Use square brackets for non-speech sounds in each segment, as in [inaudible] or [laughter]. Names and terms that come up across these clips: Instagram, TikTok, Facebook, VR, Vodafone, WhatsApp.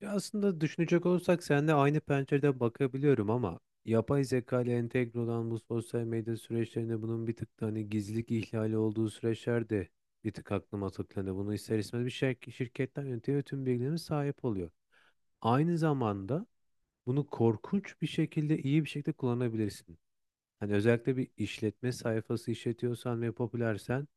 Ya aslında düşünecek olursak seninle aynı pencereden bakabiliyorum ama yapay zeka ile entegre olan bu sosyal medya süreçlerinde bunun bir tık da hani gizlilik ihlali olduğu süreçler de bir tık aklıma tıklandı. Bunu ister istemez bir şir şirketten yönetiyor ve tüm bilgilerine sahip oluyor. Aynı zamanda bunu korkunç bir şekilde iyi bir şekilde kullanabilirsin. Hani özellikle bir işletme sayfası işletiyorsan ve popülersen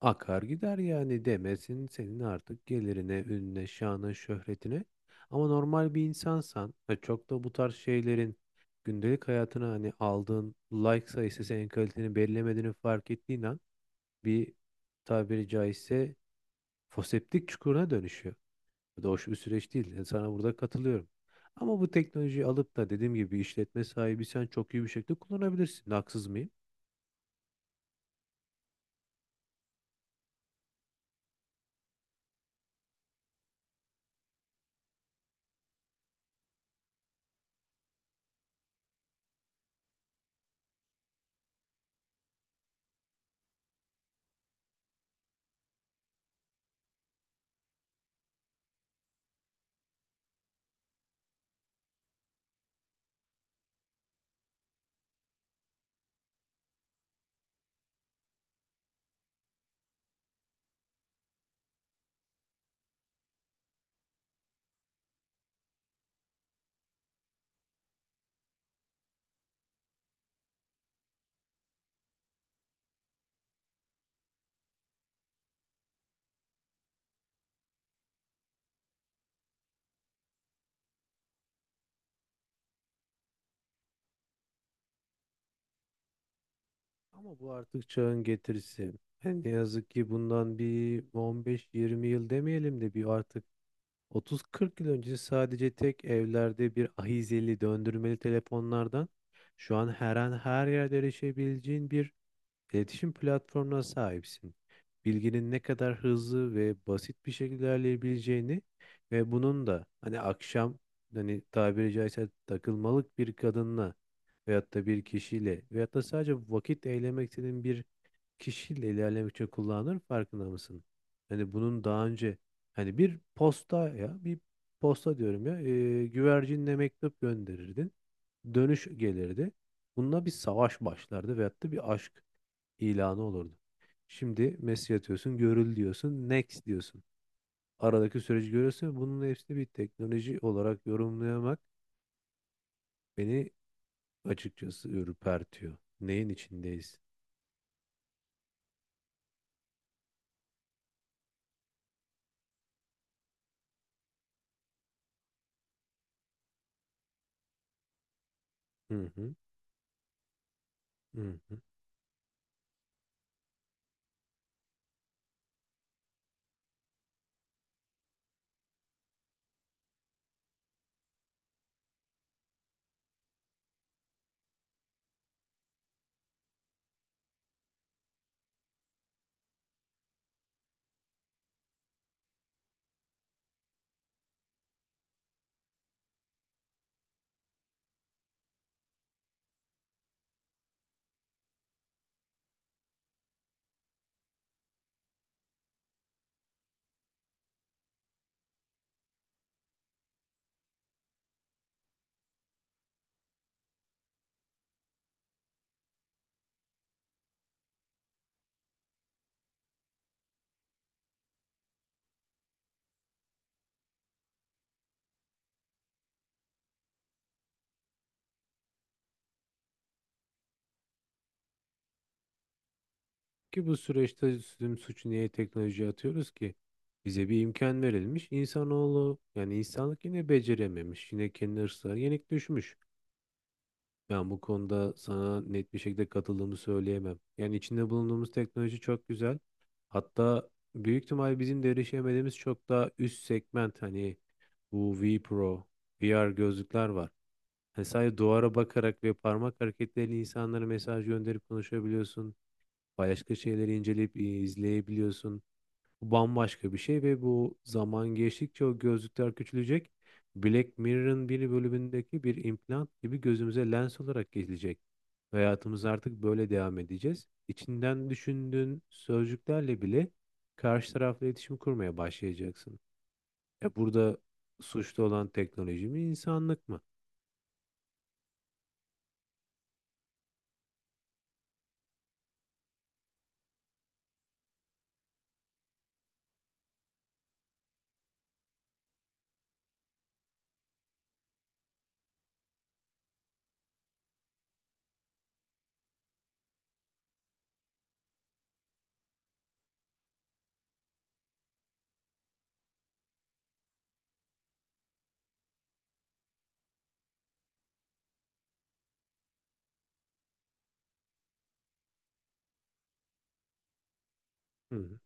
akar gider yani demesin senin artık gelirine, ününe, şanına, şöhretine. Ama normal bir insansan ve çok da bu tarz şeylerin gündelik hayatına hani aldığın like sayısı senin kaliteni belirlemediğini fark ettiğin an bir, tabiri caizse, foseptik çukuruna dönüşüyor. Bu da hoş bir süreç değil. Yani sana burada katılıyorum. Ama bu teknolojiyi alıp da dediğim gibi işletme sahibi sen çok iyi bir şekilde kullanabilirsin. Haksız mıyım? Ama bu artık çağın getirisi. Yani ne yazık ki bundan bir 15-20 yıl demeyelim de bir artık 30-40 yıl önce sadece tek evlerde bir ahizeli döndürmeli telefonlardan şu an her an her yerde erişebileceğin bir İletişim platformuna sahipsin. Bilginin ne kadar hızlı ve basit bir şekilde ilerleyebileceğini ve bunun da hani akşam hani tabiri caizse takılmalık bir kadınla veyahut da bir kişiyle veyahut da sadece vakit eylemek istediğin bir kişiyle ilerlemek için kullanılır, farkında mısın? Hani bunun daha önce hani bir posta diyorum ya, güvercinle mektup gönderirdin. Dönüş gelirdi. Bununla bir savaş başlardı veyahut da bir aşk ilanı olurdu. Şimdi mesaj atıyorsun, görül diyorsun, next diyorsun. Aradaki süreci görüyorsun. Bunun hepsini bir teknoloji olarak yorumlayamak beni açıkçası ürpertiyor. Neyin içindeyiz? Hı hı, hı hı. Ki bu süreçte tüm suçu niye teknolojiye atıyoruz ki? Bize bir imkan verilmiş. İnsanoğlu yani insanlık yine becerememiş. Yine kendi hırslarına yenik düşmüş. Ben bu konuda sana net bir şekilde katıldığımı söyleyemem. Yani içinde bulunduğumuz teknoloji çok güzel. Hatta büyük ihtimal bizim de erişemediğimiz çok daha üst segment hani bu V Pro, VR gözlükler var. Hani sadece duvara bakarak ve parmak hareketleriyle insanlara mesaj gönderip konuşabiliyorsun. Başka şeyleri inceleyip izleyebiliyorsun. Bu bambaşka bir şey ve bu zaman geçtikçe o gözlükler küçülecek. Black Mirror'ın bir bölümündeki bir implant gibi gözümüze lens olarak gelecek. Ve hayatımız artık böyle devam edeceğiz. İçinden düşündüğün sözcüklerle bile karşı tarafla iletişim kurmaya başlayacaksın. Ya burada suçlu olan teknoloji mi, insanlık mı? Hı hı.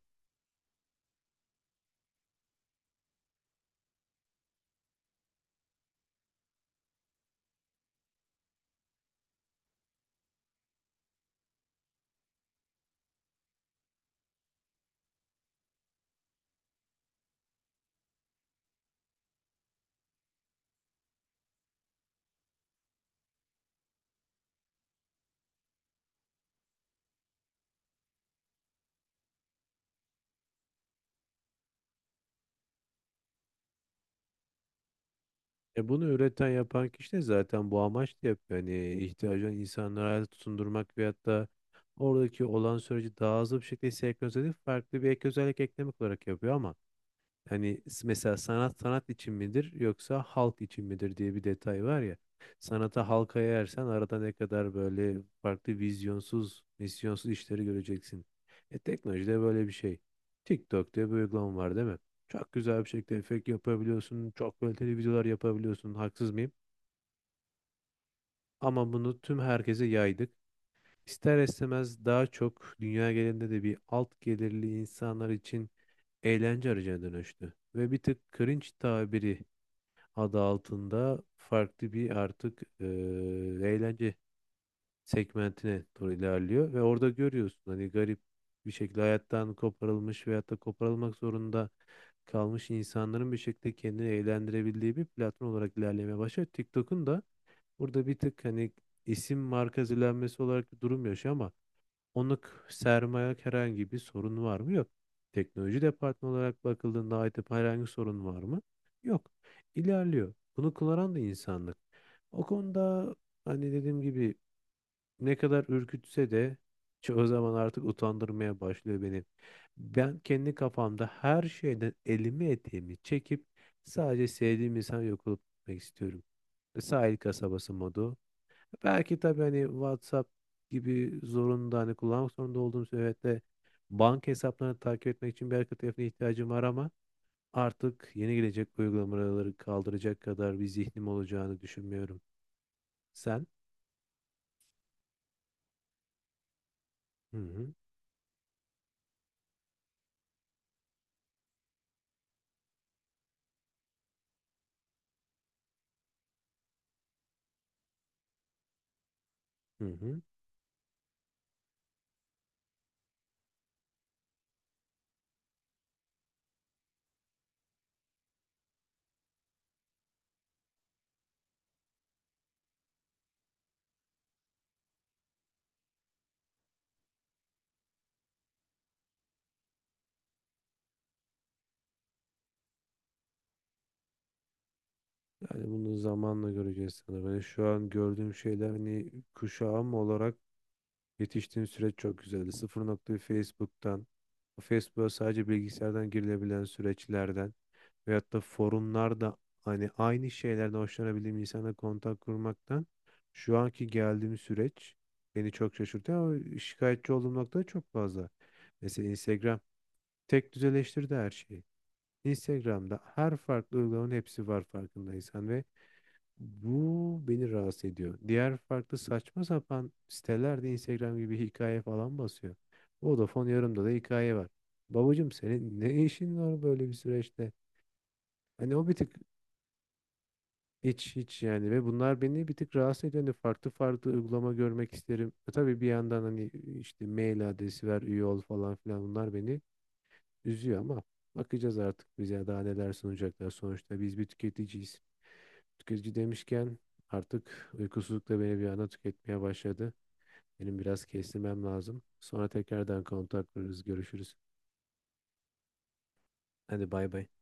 E bunu üreten yapan kişi de zaten bu amaçla yapıyor. Hani ihtiyacı olan insanları hayata tutundurmak veyahut da oradaki olan süreci daha hızlı bir şekilde senkronize edip farklı bir ek özellik eklemek olarak yapıyor ama hani mesela sanat sanat için midir yoksa halk için midir diye bir detay var ya. Sanata halka yayarsan arada ne kadar böyle farklı vizyonsuz, misyonsuz işleri göreceksin. E teknolojide böyle bir şey. TikTok diye bir uygulama var değil mi? Çok güzel bir şekilde efekt yapabiliyorsun. Çok kaliteli videolar yapabiliyorsun. Haksız mıyım? Ama bunu tüm herkese yaydık. İster istemez daha çok dünya genelinde de bir alt gelirli insanlar için eğlence aracına dönüştü. Ve bir tık cringe tabiri adı altında farklı bir artık eğlence segmentine doğru ilerliyor ve orada görüyorsun hani garip bir şekilde hayattan koparılmış veyahut da koparılmak zorunda kalmış insanların bir şekilde kendini eğlendirebildiği bir platform olarak ilerlemeye başlıyor. TikTok'un da burada bir tık hani isim marka zilenmesi olarak bir durum yaşıyor ama onluk sermaye herhangi bir sorun var mı? Yok. Teknoloji departmanı olarak bakıldığında IT herhangi sorun var mı? Yok. İlerliyor. Bunu kullanan da insanlık. O konuda hani dediğim gibi ne kadar ürkütse de [laughs] çoğu zaman artık utandırmaya başlıyor beni. Ben kendi kafamda her şeyden elimi eteğimi çekip sadece sevdiğim insan yok olup gitmek istiyorum. Sahil kasabası modu. Belki tabii hani WhatsApp gibi zorunda hani kullanmak zorunda olduğum süreçte banka hesaplarını takip etmek için bir arka tarafına ihtiyacım var ama artık yeni gelecek uygulamaları kaldıracak kadar bir zihnim olacağını düşünmüyorum. Sen? Hı hı. Hı hı. Yani bunu zamanla göreceğiz sanırım. Hani şu an gördüğüm şeyler hani kuşağım olarak yetiştiğim süreç çok güzeldi. 0.1 Facebook'tan, Facebook'a sadece bilgisayardan girilebilen süreçlerden veyahut da forumlarda hani aynı şeylerden hoşlanabildiğim insanla kontak kurmaktan şu anki geldiğim süreç beni çok şaşırtıyor ama şikayetçi olduğum nokta da çok fazla. Mesela Instagram tek düzeleştirdi her şeyi. Instagram'da her farklı uygulamanın hepsi var farkındaysan ve bu beni rahatsız ediyor. Diğer farklı saçma sapan sitelerde Instagram gibi hikaye falan basıyor. Vodafone yarımda da hikaye var. Babacım senin ne işin var böyle bir süreçte? Hani o bir tık hiç yani ve bunlar beni bir tık rahatsız ediyor. Hani farklı farklı uygulama görmek isterim. E tabii bir yandan hani işte mail adresi ver, üye ol falan filan bunlar beni üzüyor ama bakacağız artık bize daha neler sunacaklar. Sonuçta biz bir tüketiciyiz. Tüketici demişken artık uykusuzluk da beni bir anda tüketmeye başladı. Benim biraz kestirmem lazım. Sonra tekrardan kontaklarız, görüşürüz. Hadi bay bay.